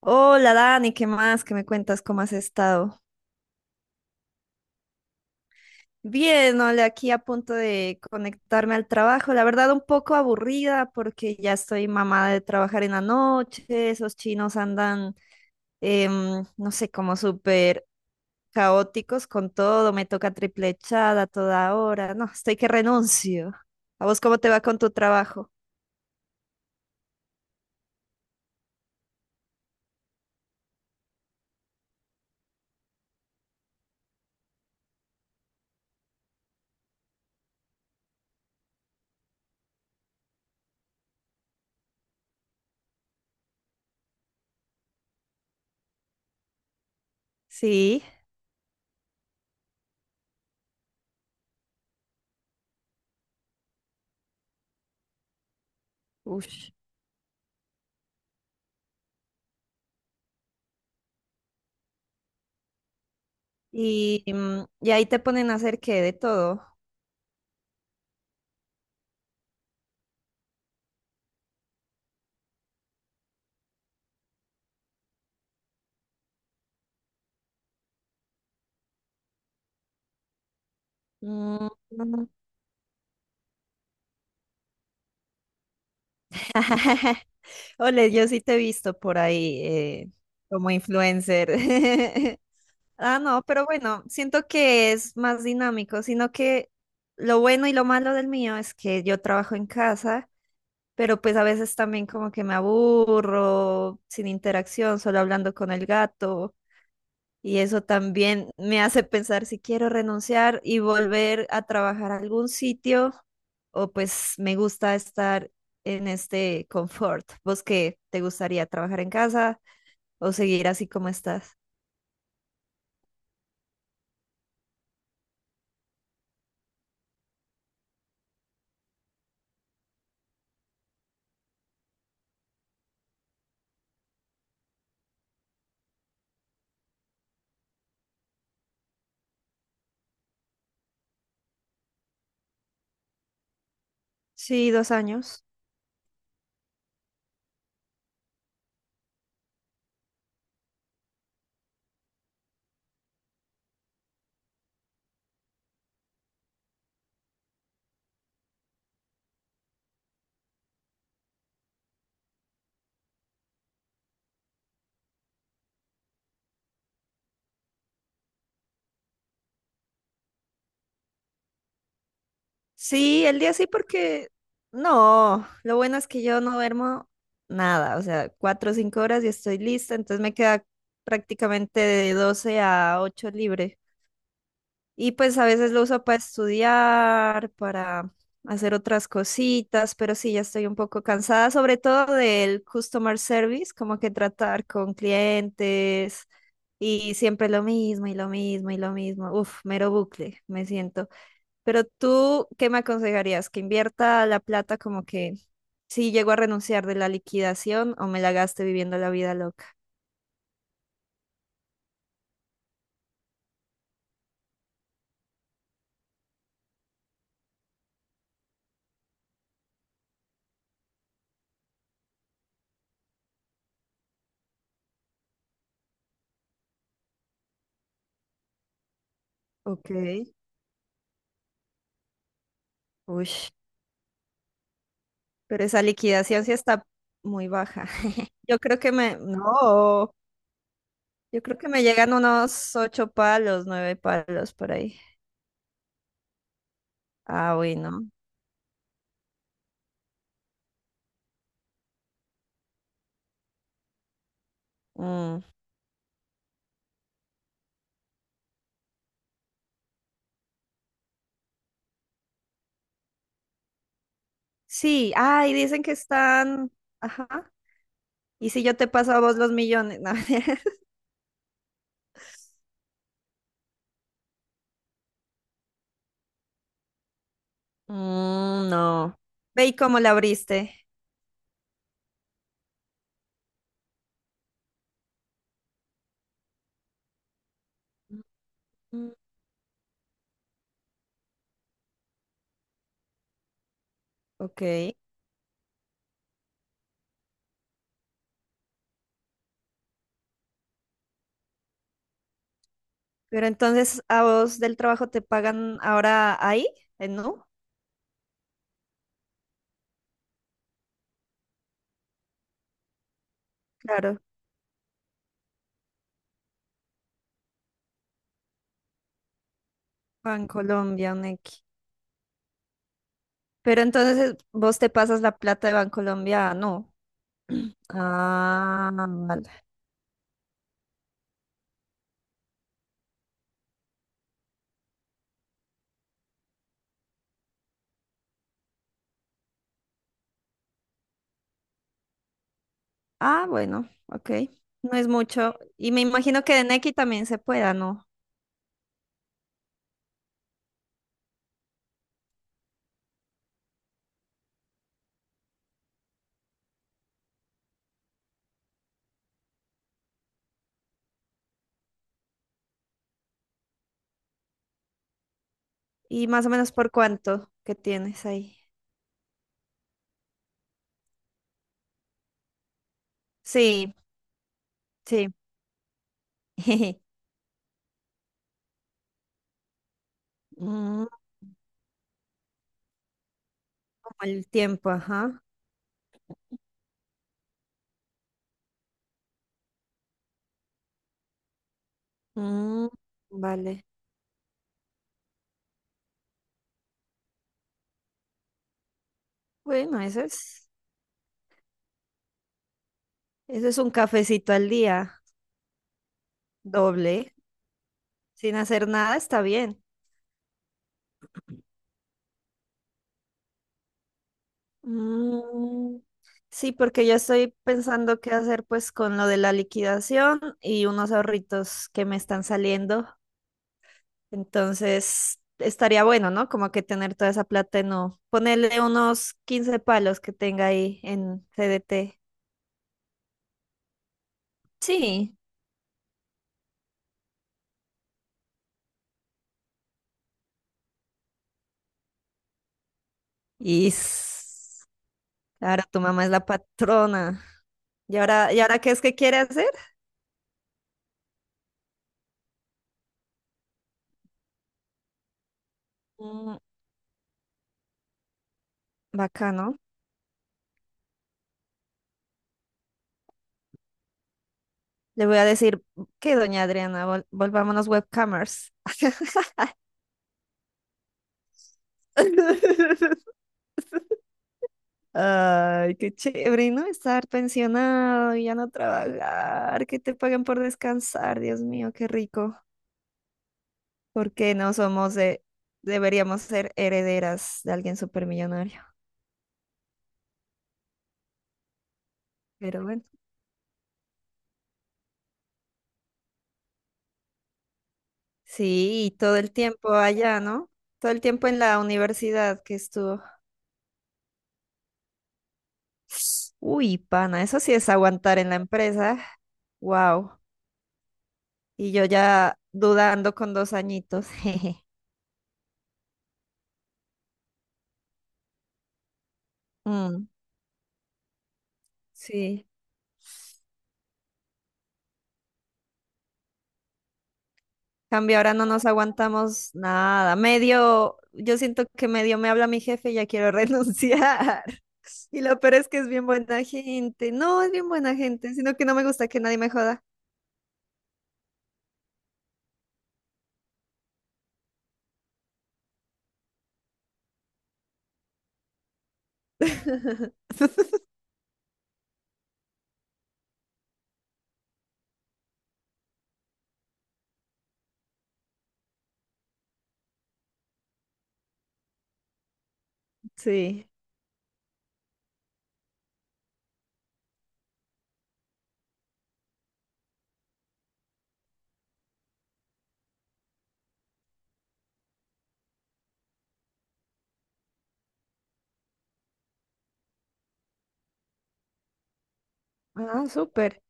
Hola Dani, ¿qué más? ¿Qué me cuentas? ¿Cómo has estado? Bien, hola, aquí a punto de conectarme al trabajo. La verdad, un poco aburrida porque ya estoy mamada de trabajar en la noche. Esos chinos andan, no sé, como súper caóticos con todo. Me toca triple echada a toda hora. No, estoy que renuncio. ¿A vos cómo te va con tu trabajo? Sí. Ush. Y, y ahí te ponen a hacer qué de todo. Mm. Ole, yo sí te he visto por ahí como influencer. Ah, no, pero bueno, siento que es más dinámico, sino que lo bueno y lo malo del mío es que yo trabajo en casa, pero pues a veces también como que me aburro, sin interacción, solo hablando con el gato. Y eso también me hace pensar si quiero renunciar y volver a trabajar a algún sitio o pues me gusta estar en este confort. ¿Vos qué? ¿Te gustaría trabajar en casa o seguir así como estás? Sí, 2 años. Sí, el día sí porque no, lo bueno es que yo no duermo nada, o sea, 4 o 5 horas y estoy lista, entonces me queda prácticamente de 12 a 8 libre. Y pues a veces lo uso para estudiar, para hacer otras cositas, pero sí, ya estoy un poco cansada, sobre todo del customer service, como que tratar con clientes y siempre lo mismo y lo mismo y lo mismo. Uf, mero bucle, me siento. Pero tú, ¿qué me aconsejarías? ¿Que invierta la plata como que si llego a renunciar de la liquidación o me la gaste viviendo la vida loca? Ok. Uy, pero esa liquidación sí está muy baja. Yo creo que me, no, yo creo que me llegan unos ocho palos, nueve palos por ahí. Ah, bueno. Mm. Sí, ay, dicen que están, ajá. ¿Y si yo te paso a vos los millones? No, mentira. Mm, no. Ve y cómo la abriste. Mm, ok. Pero entonces a vos del trabajo te pagan ahora ahí, en Nu. Claro, Bancolombia, Nequi. Pero entonces vos te pasas la plata de Bancolombia a Nu. Ah, vale. Ah, bueno, ok. No es mucho. Y me imagino que de Nequi también se pueda, ¿no? Y más o menos por cuánto que tienes ahí. Sí, sí. Mm, como el tiempo, ajá. Mm, vale. Bueno, eso es un cafecito al día, doble. Sin hacer nada está bien. Mm, sí, porque yo estoy pensando qué hacer pues con lo de la liquidación y unos ahorritos que me están saliendo. Entonces, estaría bueno, ¿no? Como que tener toda esa plata en no. Ponerle unos 15 palos que tenga ahí en CDT. Sí. Y s- Ahora tu mamá es la patrona. Y ahora qué es que quiere hacer? Mm, bacano. Le voy a decir que doña Adriana, volvámonos webcamers. Ay, qué chévere, ¿no? Estar pensionado y ya no trabajar, que te paguen por descansar, Dios mío, qué rico. Porque no somos de, deberíamos ser herederas de alguien supermillonario. Pero bueno, sí, y todo el tiempo allá, ¿no? Todo el tiempo en la universidad que estuvo. Uy, pana, eso sí es aguantar en la empresa. Wow. Y yo ya dudando con 2 añitos. Jeje. Mm, sí. Cambio, ahora no nos aguantamos nada. Medio, yo siento que medio me habla mi jefe y ya quiero renunciar. Y lo peor es que es bien buena gente. No, es bien buena gente, sino que no me gusta que nadie me joda. Sí. Ah, súper.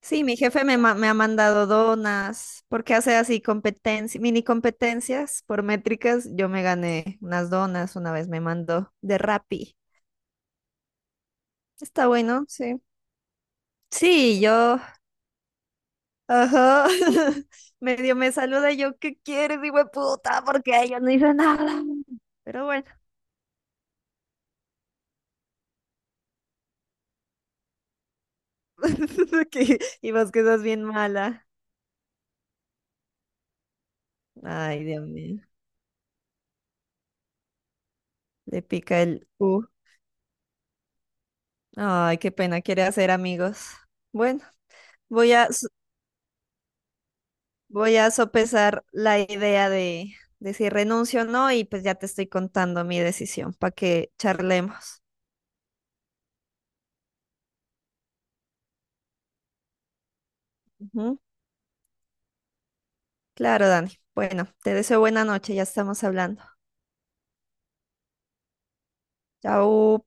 Sí, mi jefe me, me ha mandado donas porque hace así competencias, mini competencias por métricas. Yo me gané unas donas, una vez me mandó de Rappi. Está bueno, sí. Sí, yo. Ajá. Medio me saluda y yo, ¿qué quieres, hijo de puta? Porque ella no hizo nada. Pero bueno, que- y vos quedas bien mala. Ay, Dios mío. Le pica el U. Ay, qué pena, quiere hacer amigos. Bueno, voy a, s- voy a sopesar la idea de si renuncio o no, y pues ya te estoy contando mi decisión para que charlemos. Ujú. Claro, Dani. Bueno, te deseo buena noche, ya estamos hablando. Chao.